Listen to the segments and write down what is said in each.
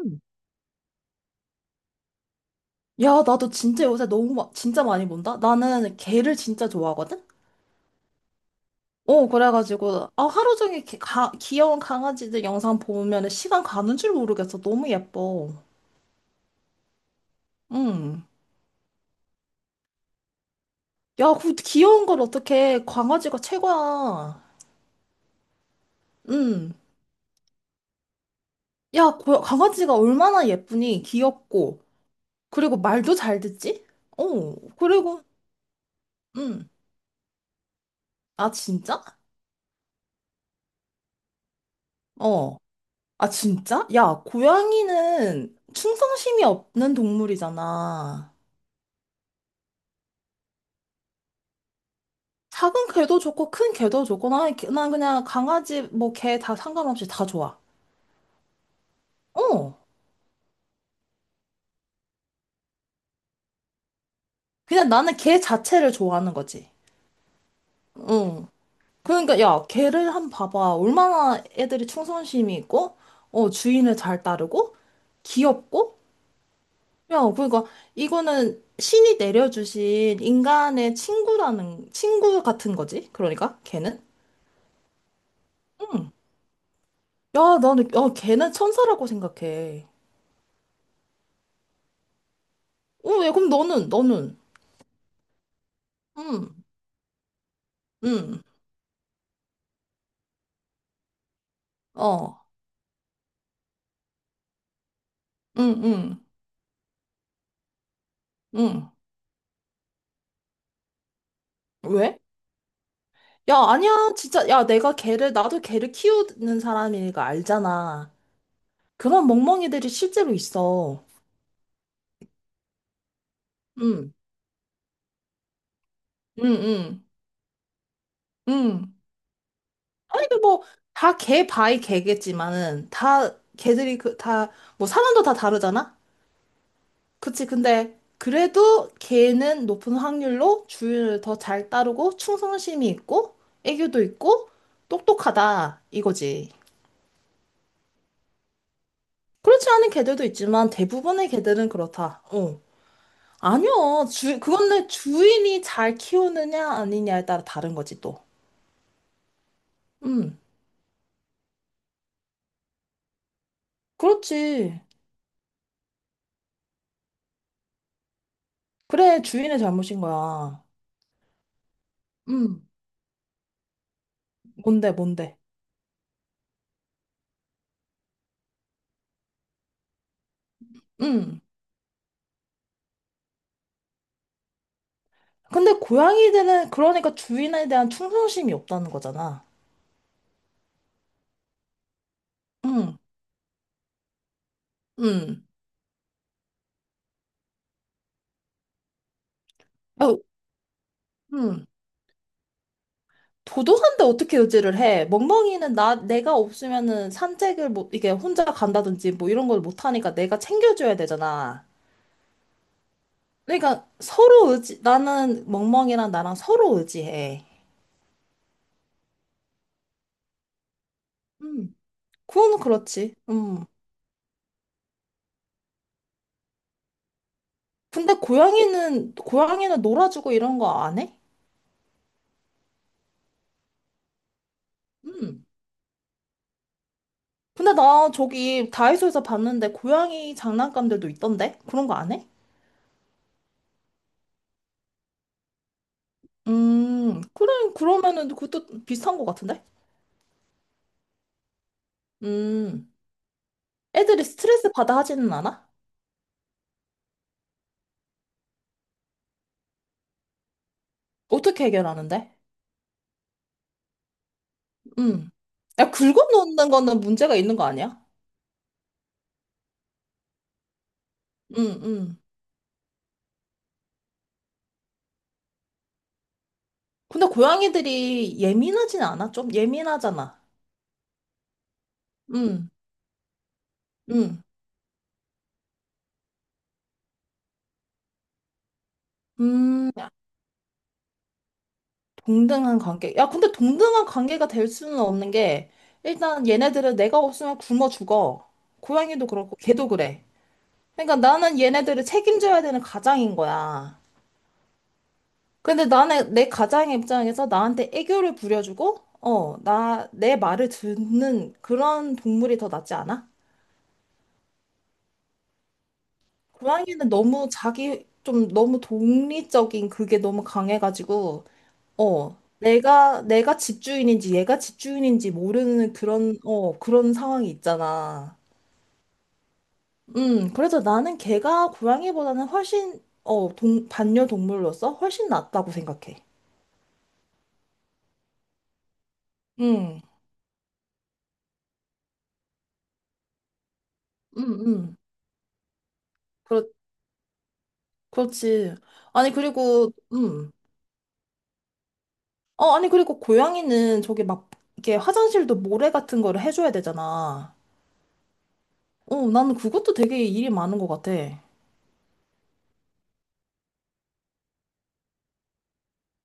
음. 야, 나도 진짜 요새 너무 진짜 많이 본다. 나는 개를 진짜 좋아하거든. 그래가지고 하루 종일 귀여운 강아지들 영상 보면 시간 가는 줄 모르겠어. 너무 예뻐. 음. 야, 그 귀여운 걸 어떻게 강아지가 최고야. 음. 야, 강아지가 얼마나 예쁘니? 귀엽고 그리고 말도 잘 듣지? 어. 그리고 음. 아 진짜? 어. 아, 진짜? 야, 고양이는 충성심이 없는 동물이잖아. 작은 개도 좋고, 큰 개도 좋고, 난 그냥 강아지, 뭐, 개 다 상관없이 다 좋아. 어. 그냥 나는 개 자체를 좋아하는 거지. 응. 그러니까, 야, 개를 한번 봐봐. 얼마나 애들이 충성심이 있고, 어, 주인을 잘 따르고, 귀엽고, 야, 그러니까, 이거는 신이 내려주신 인간의 친구라는, 친구 같은 거지. 그러니까, 개는. 응. 야, 야, 걔는 천사라고 생각해. 어, 왜, 그럼 너는. 응, 응, 어, 응, 응, 응. 왜? 야, 아니야, 진짜. 야, 내가 걔를, 나도 걔를 키우는 사람이니까 알잖아. 그런 멍멍이들이 실제로 있어. 응, 응, 응, 응. 아니, 그 뭐, 다 걔 바이 걔겠지만은, 다, 걔들이 그, 다, 뭐, 사람도 다 다르잖아? 그치. 근데 그래도 걔는 높은 확률로 주인을 더 잘 따르고 충성심이 있고 애교도 있고 똑똑하다 이거지. 그렇지 않은 개들도 있지만 대부분의 개들은 그렇다. 어. 아니요. 그건 내 주인이 잘 키우느냐 아니냐에 따라 다른 거지 또. 음. 그렇지. 그래. 주인의 잘못인 거야. 음. 뭔데 뭔데. 음. 근데 고양이들은 그러니까 주인에 대한 충성심이 없다는 거잖아. 음. 음. 어, 음. 도도한데 어떻게 의지를 해? 멍멍이는 내가 없으면은 산책을 못, 이게 혼자 간다든지 뭐 이런 걸 못하니까 내가 챙겨줘야 되잖아. 그러니까 서로 의지, 나는 멍멍이랑 나랑 서로 의지해. 음. 그건 그렇지. 음. 근데 고양이는 놀아주고 이런 거 안 해? 음. 근데 나 저기 다이소에서 봤는데 고양이 장난감들도 있던데? 그런 거 안 해? 음. 그래, 그러면은 그것도 비슷한 거 같은데? 음. 애들이 스트레스 받아 하지는 않아? 어떻게 해결하는데? 음. 야, 긁어놓는 거는 문제가 있는 거 아니야? 응응. 근데 고양이들이 예민하진 않아? 좀 예민하잖아. 응응. 음, 동등한 관계. 야, 근데 동등한 관계가 될 수는 없는 게, 일단 얘네들은 내가 없으면 굶어 죽어. 고양이도 그렇고, 걔도 그래. 그러니까 나는 얘네들을 책임져야 되는 가장인 거야. 근데 나는 내 가장 입장에서 나한테 애교를 부려주고, 내 말을 듣는 그런 동물이 더 낫지 않아? 고양이는 너무 자기, 좀 너무 독립적인 그게 너무 강해가지고, 어, 내가 집주인인지 얘가 집주인인지 모르는 그런, 어, 그런 상황이 있잖아. 그래서 나는 걔가 고양이보다는 훨씬, 반려동물로서 훨씬 낫다고 생각해. 음, 음, 음. 그렇지. 아니, 그리고, 어, 아니, 그리고 고양이는 이렇게 화장실도 모래 같은 거를 해줘야 되잖아. 어, 나는 그것도 되게 일이 많은 것 같아.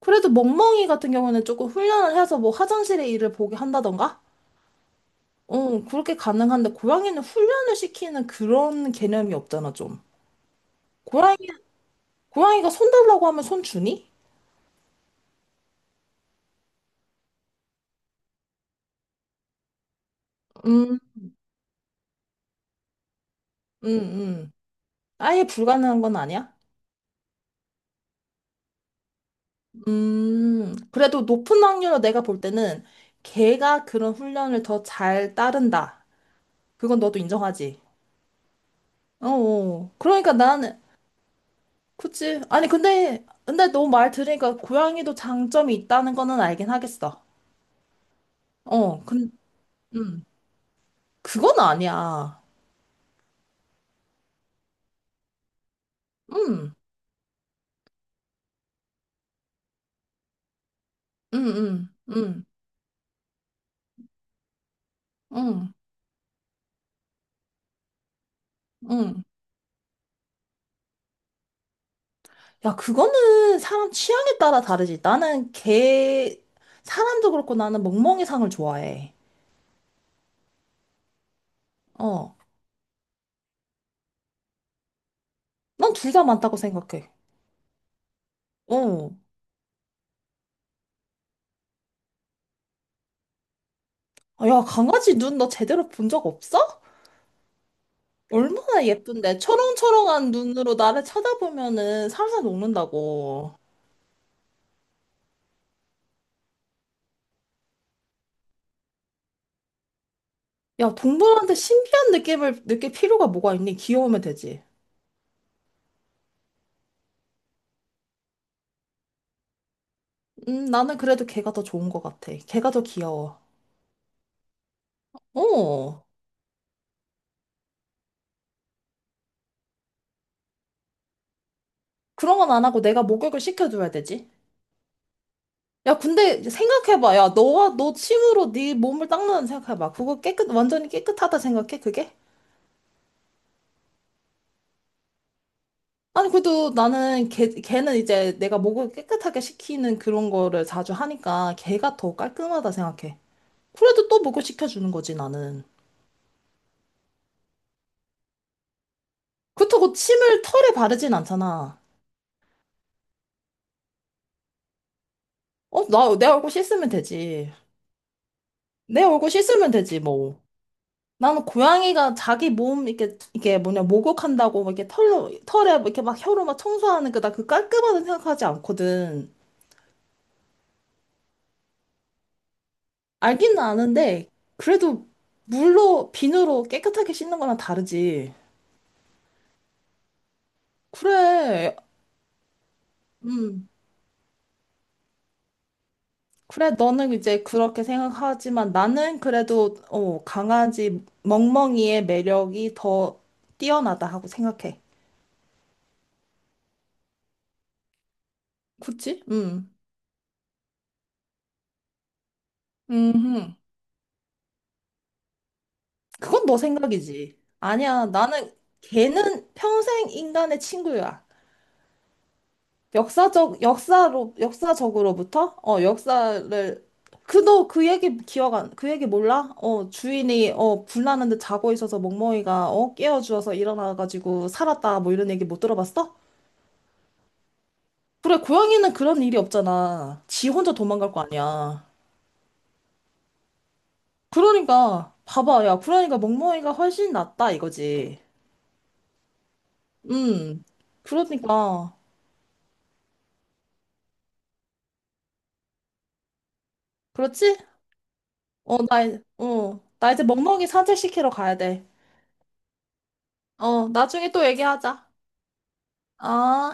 그래도 멍멍이 같은 경우는 조금 훈련을 해서 뭐 화장실의 일을 보게 한다던가? 어, 그렇게 가능한데, 고양이는 훈련을 시키는 그런 개념이 없잖아, 좀. 고양이, 고양이가 손 달라고 하면 손 주니? 음, 음, 음. 아예 불가능한 건 아니야? 그래도 높은 확률로 내가 볼 때는 걔가 그런 훈련을 더 잘 따른다. 그건 너도 인정하지? 어, 어. 그러니까 나는, 그치. 아니, 근데, 근데 너 말 들으니까 고양이도 장점이 있다는 거는 알긴 하겠어. 어, 근, 음, 그건 아니야. 음, 음, 음, 음, 음, 음. 야, 그거는 사람 취향에 따라 다르지. 나는 개 사람도 그렇고 나는 멍멍이상을 좋아해. 어. 난 둘 다 많다고 생각해. 어. 아, 야, 강아지 눈 너 제대로 본 적 없어? 얼마나 예쁜데. 초롱초롱한 눈으로 나를 쳐다보면은 살살 녹는다고. 야, 동물한테 신비한 느낌을 느낄 필요가 뭐가 있니? 귀여우면 되지. 나는 그래도 걔가 더 좋은 것 같아. 걔가 더 귀여워. 어. 그런 건 안 하고 내가 목욕을 시켜줘야 되지. 야, 근데 생각해봐. 야, 너와 너 침으로 네 몸을 닦는다 생각해봐. 그거 깨끗, 완전히 깨끗하다 생각해, 그게? 아니, 그래도 나는 걔는 이제 내가 목을 깨끗하게 식히는 그런 거를 자주 하니까 걔가 더 깔끔하다 생각해. 그래도 또 목을 식혀주는 거지, 나는. 그렇다고 침을 털에 바르진 않잖아. 어, 내 얼굴 씻으면 되지. 내 얼굴 씻으면 되지, 뭐. 나는 고양이가 자기 몸, 이렇게, 이게 뭐냐, 목욕한다고, 막 이렇게 털로, 털에 막 이렇게 막 혀로 막 청소하는 거나 그 깔끔하다 생각하지 않거든. 알기는 아는데, 그래도 물로, 비누로 깨끗하게 씻는 거랑 다르지. 그래. 음. 그래, 너는 이제 그렇게 생각하지만 나는 그래도 어, 강아지 멍멍이의 매력이 더 뛰어나다 하고 생각해. 그치? 음. 음. 그건 너 생각이지. 아니야, 나는 걔는 평생 인간의 친구야. 역사적으로부터? 어, 역사를, 그, 너 그 얘기 기억 안, 그 얘기 몰라? 어, 주인이, 어, 불나는데 자고 있어서 멍멍이가, 어, 깨워주어서 일어나가지고 살았다, 뭐 이런 얘기 못 들어봤어? 그래, 고양이는 그런 일이 없잖아. 지 혼자 도망갈 거 아니야. 그러니까, 봐봐, 야, 그러니까 멍멍이가 훨씬 낫다, 이거지. 음, 그러니까, 그렇지? 어, 나, 어, 나 이제 멍멍이 산책시키러 가야 돼. 어, 나중에 또 얘기하자. 어,